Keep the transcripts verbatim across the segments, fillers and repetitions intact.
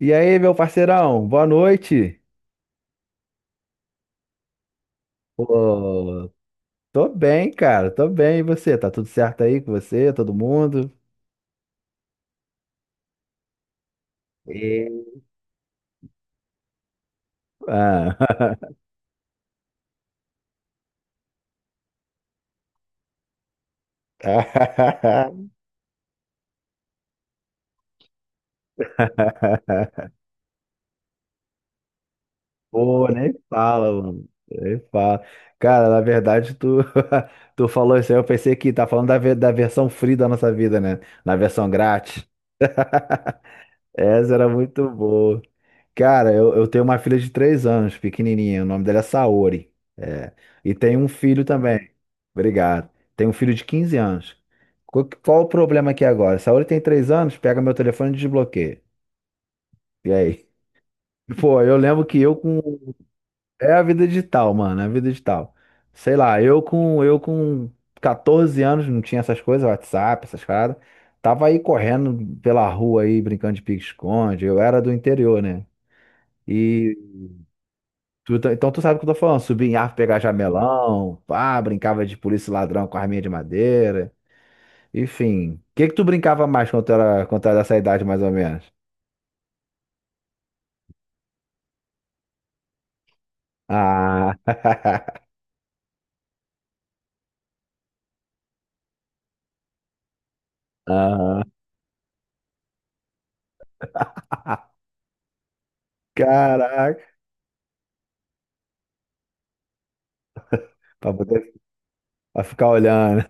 E aí, meu parceirão, boa noite. Pô, tô bem, cara, tô bem. E você? Tá tudo certo aí com você, todo mundo? E- Ah. Pô, nem fala, mano. Nem fala. Cara, na verdade, tu, tu falou isso aí, eu pensei que tá falando da, ve- da versão free da nossa vida, né? Na versão grátis. Essa era muito boa. Cara, eu, eu tenho uma filha de três anos, pequenininha. O nome dela é Saori. É. E tem um filho também. Obrigado. Tem um filho de quinze anos. Qual, qual o problema aqui agora? Saori tem três anos, pega meu telefone e desbloqueia. E aí? Pô, eu lembro que eu com. É a vida digital, mano, é a vida digital. Sei lá, eu com, eu com quatorze anos, não tinha essas coisas, WhatsApp, essas paradas. Tava aí correndo pela rua aí, brincando de pique-esconde. Eu era do interior, né? E Tu tá- então tu sabe o que eu tô falando. Subir em árvore, pegar jamelão, pá, brincava de polícia e ladrão com arminha de madeira. Enfim. O que que tu brincava mais quando tu era, quando tu era dessa idade, mais ou menos? Ah, ah, caraca, pra poder pra ficar olhando.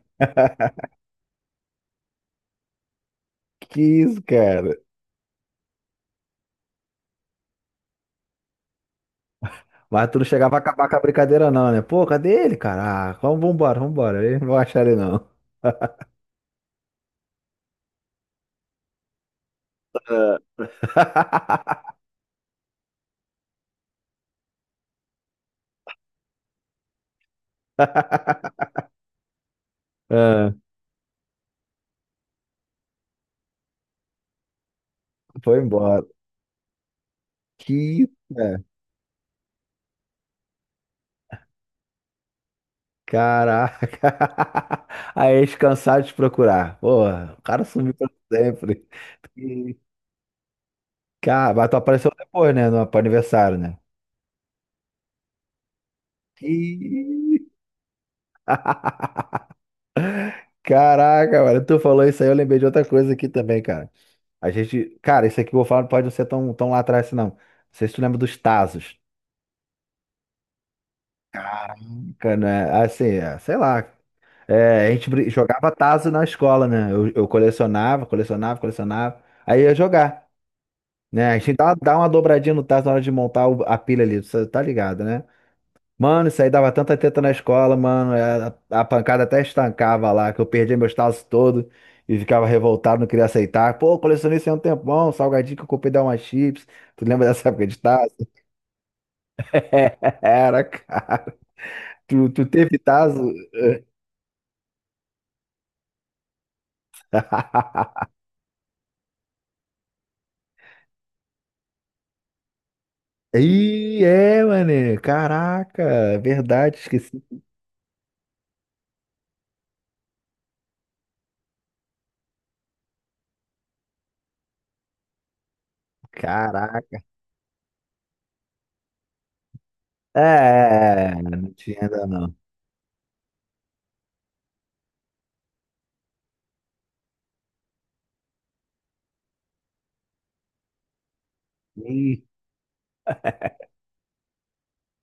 Que isso, cara? Mas tu não chegava a acabar com a brincadeira, não, né? Pô, cadê ele, cara? Ah, vamos vambora, vambora. Ele não vai achar ele, não. Ah, foi embora. Que isso, caraca. Aí eles cansaram de te procurar. Porra, o cara sumiu pra sempre. E, Cara, mas tu apareceu depois, né? No, pro aniversário, né? Ih, Caraca, mano, tu falou isso aí, eu lembrei de outra coisa aqui também, cara. A gente, cara, isso aqui que eu vou falar não pode não ser tão, tão lá atrás, assim, não. Não sei se tu lembra dos Tazos. Caraca, né? Assim, é, sei lá. É, a gente brin- jogava Tazo na escola, né? Eu, eu colecionava, colecionava, colecionava. Aí ia jogar. Né? A gente dá, dá uma dobradinha no tacho na hora de montar o- a pilha ali, você tá ligado, né? Mano, isso aí dava tanta teta na escola, mano. é, A, a pancada até estancava lá, que eu perdia meus tazos todos e ficava revoltado, não queria aceitar. Pô, eu colecionei isso aí há um tempão, salgadinho que eu comprei da uma chips. Tu lembra dessa época de tazo? Era, cara. Tu, tu teve tazo? Ih, é, mano. Caraca, é verdade, esqueci. Caraca. É, é, é, não tinha ainda não. Ih,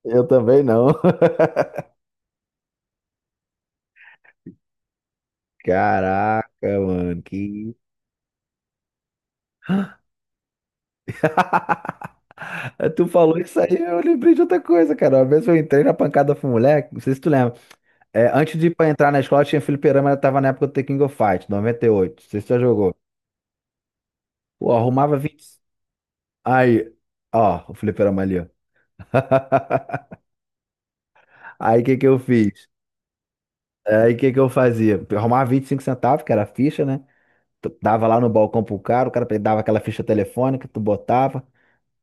eu também não. Caraca, mano, que. Tu falou isso aí, eu lembrei de outra coisa, cara. Uma vez eu entrei na pancada com um moleque, não sei se tu lembra. É, antes de ir pra entrar na escola, tinha fliperama, eu tava na época do The King of Fight, noventa e oito. Não sei se tu já jogou. Pô, arrumava vinte. Aí, ó, o fliperama ali, ó. Aí o que que eu fiz? Aí o que que eu fazia? Eu arrumava vinte e cinco centavos, que era a ficha, né? Tu dava lá no balcão pro cara, o cara dava aquela ficha telefônica, tu botava.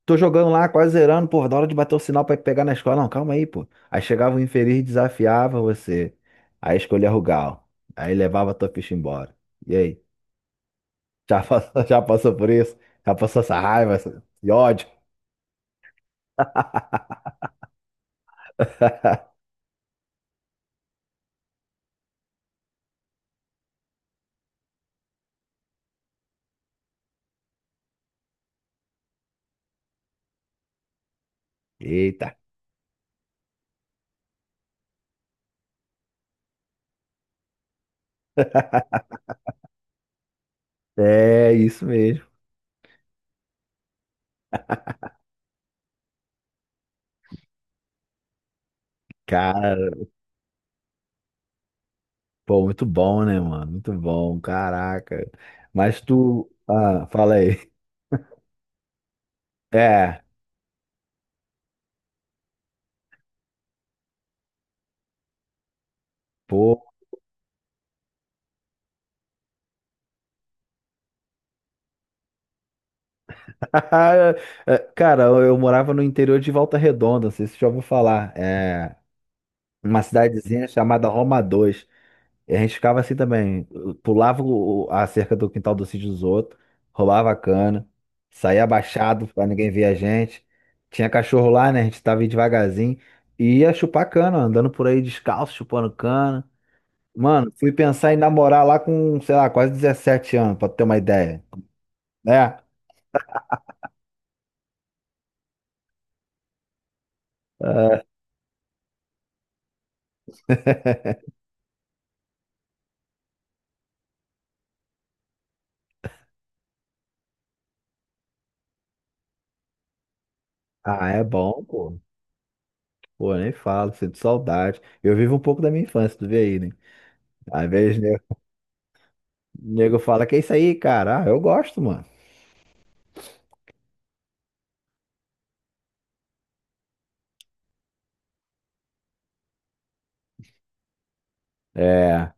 Tô jogando lá, quase zerando, pô, da hora de bater o sinal pra pegar na escola. Não, calma aí, pô. Aí chegava o infeliz e desafiava você. Aí escolhia Rugal. Aí levava a tua ficha embora. E aí? Já passou, já passou por isso? Já passou essa raiva, essa- esse ódio? Eita. É isso mesmo. Cara, pô, muito bom, né, mano? Muito bom, caraca. Mas tu. Ah, fala aí. É, pô. É, cara, eu eu morava no interior de Volta Redonda, não sei se você já ouviu falar. É. Uma cidadezinha chamada Roma dois. E a gente ficava assim também, pulava o- a cerca do quintal do sítio dos outros, rolava a cana, saía abaixado pra ninguém ver a gente. Tinha cachorro lá, né? A gente tava indo devagarzinho e ia chupar cana, andando por aí descalço, chupando cana. Mano, fui pensar em namorar lá com, sei lá, quase dezessete anos, pra tu ter uma ideia, né? Ah, é bom, pô. Pô, nem falo, sinto saudade. Eu vivo um pouco da minha infância, tu vê aí, né? Às vezes, né? O nego fala que é isso aí, cara. Ah, eu gosto, mano. É,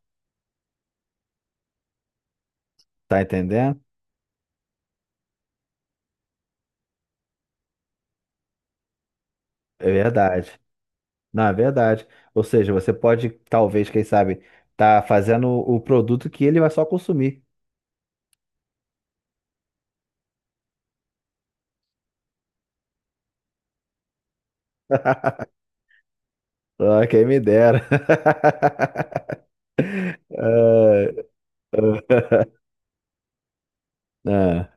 tá entendendo? É verdade. Não, é verdade. Ou seja, você pode, talvez, quem sabe, tá fazendo o produto que ele vai só consumir. Ah, quem me dera. É, ah,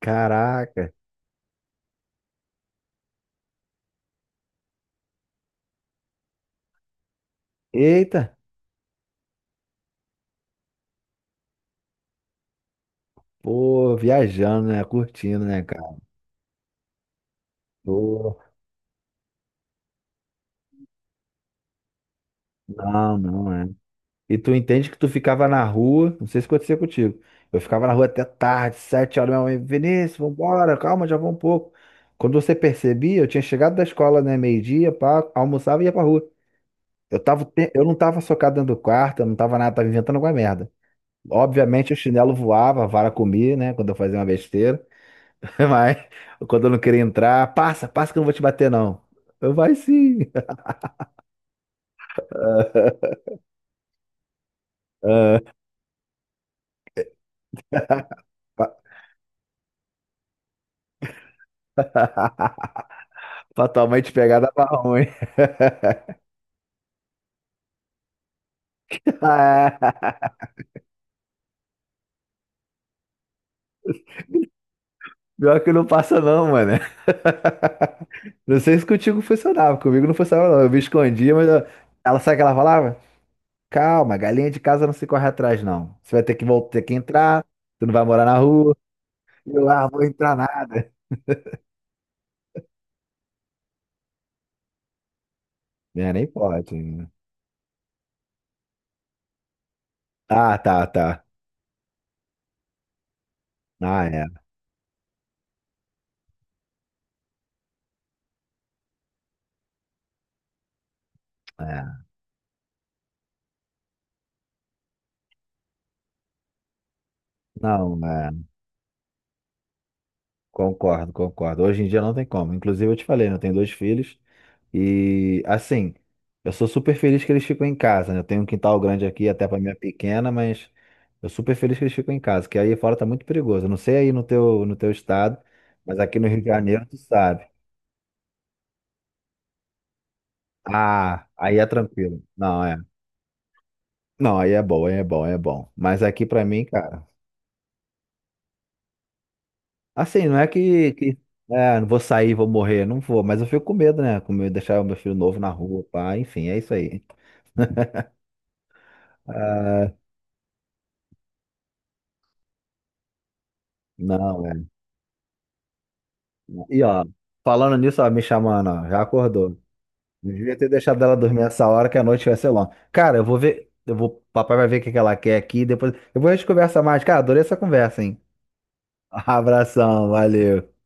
caraca. Eita, pô, viajando, né? Curtindo, né, cara? Pô, não, não, é. E tu entende que tu ficava na rua, não sei se acontecia contigo. Eu ficava na rua até tarde, sete horas, minha mãe, Vinícius, vambora, calma, já vou um pouco. Quando você percebia, eu tinha chegado da escola, né, meio-dia, pá, almoçava e ia pra rua. Eu tava, o te- eu não tava socado dentro do quarto, eu não tava nada, tava inventando alguma merda. Obviamente o chinelo voava, a vara comia, né, quando eu fazia uma besteira. Mas quando eu não queria entrar, passa, passa que eu não vou te bater, não. Eu, vai sim. Pra tua mãe te pegar, dava ruim. Pior que não passa não, mano. Não sei se contigo funcionava, comigo não funcionava não. Eu me escondia, mas eu- ela sabe o que ela falava? Calma, galinha de casa não se corre atrás não. Você vai ter que voltar, ter que entrar, tu não vai morar na rua. E Eu, ah, vou entrar nada. É, nem pode. Né? Ah, tá, tá. Ah, é, é. Não, é. Concordo, concordo. Hoje em dia não tem como. Inclusive eu te falei, né, eu tenho dois filhos. E assim, eu sou super feliz que eles ficam em casa, né? Eu tenho um quintal grande aqui até para minha pequena, mas eu super feliz que eles ficam em casa, que aí fora tá muito perigoso. Eu não sei aí no teu, no teu estado, mas aqui no Rio de Janeiro tu sabe. Ah, aí é tranquilo. Não, é. Não, aí é bom, aí é bom, aí é bom. Mas aqui pra mim, cara, assim, não é que, que é, não vou sair, vou morrer, não vou, mas eu fico com medo, né? Com medo de deixar o meu filho novo na rua, pá, enfim, é isso aí. Ah, não, é. E ó, falando nisso, ó, me chamando, ó, já acordou. Não devia ter deixado ela dormir essa hora que a noite vai ser longa. Cara, eu vou ver, eu vou, papai vai ver o que que ela quer aqui, depois eu vou a gente conversa mais. Cara, adorei essa conversa, hein? Abração, valeu.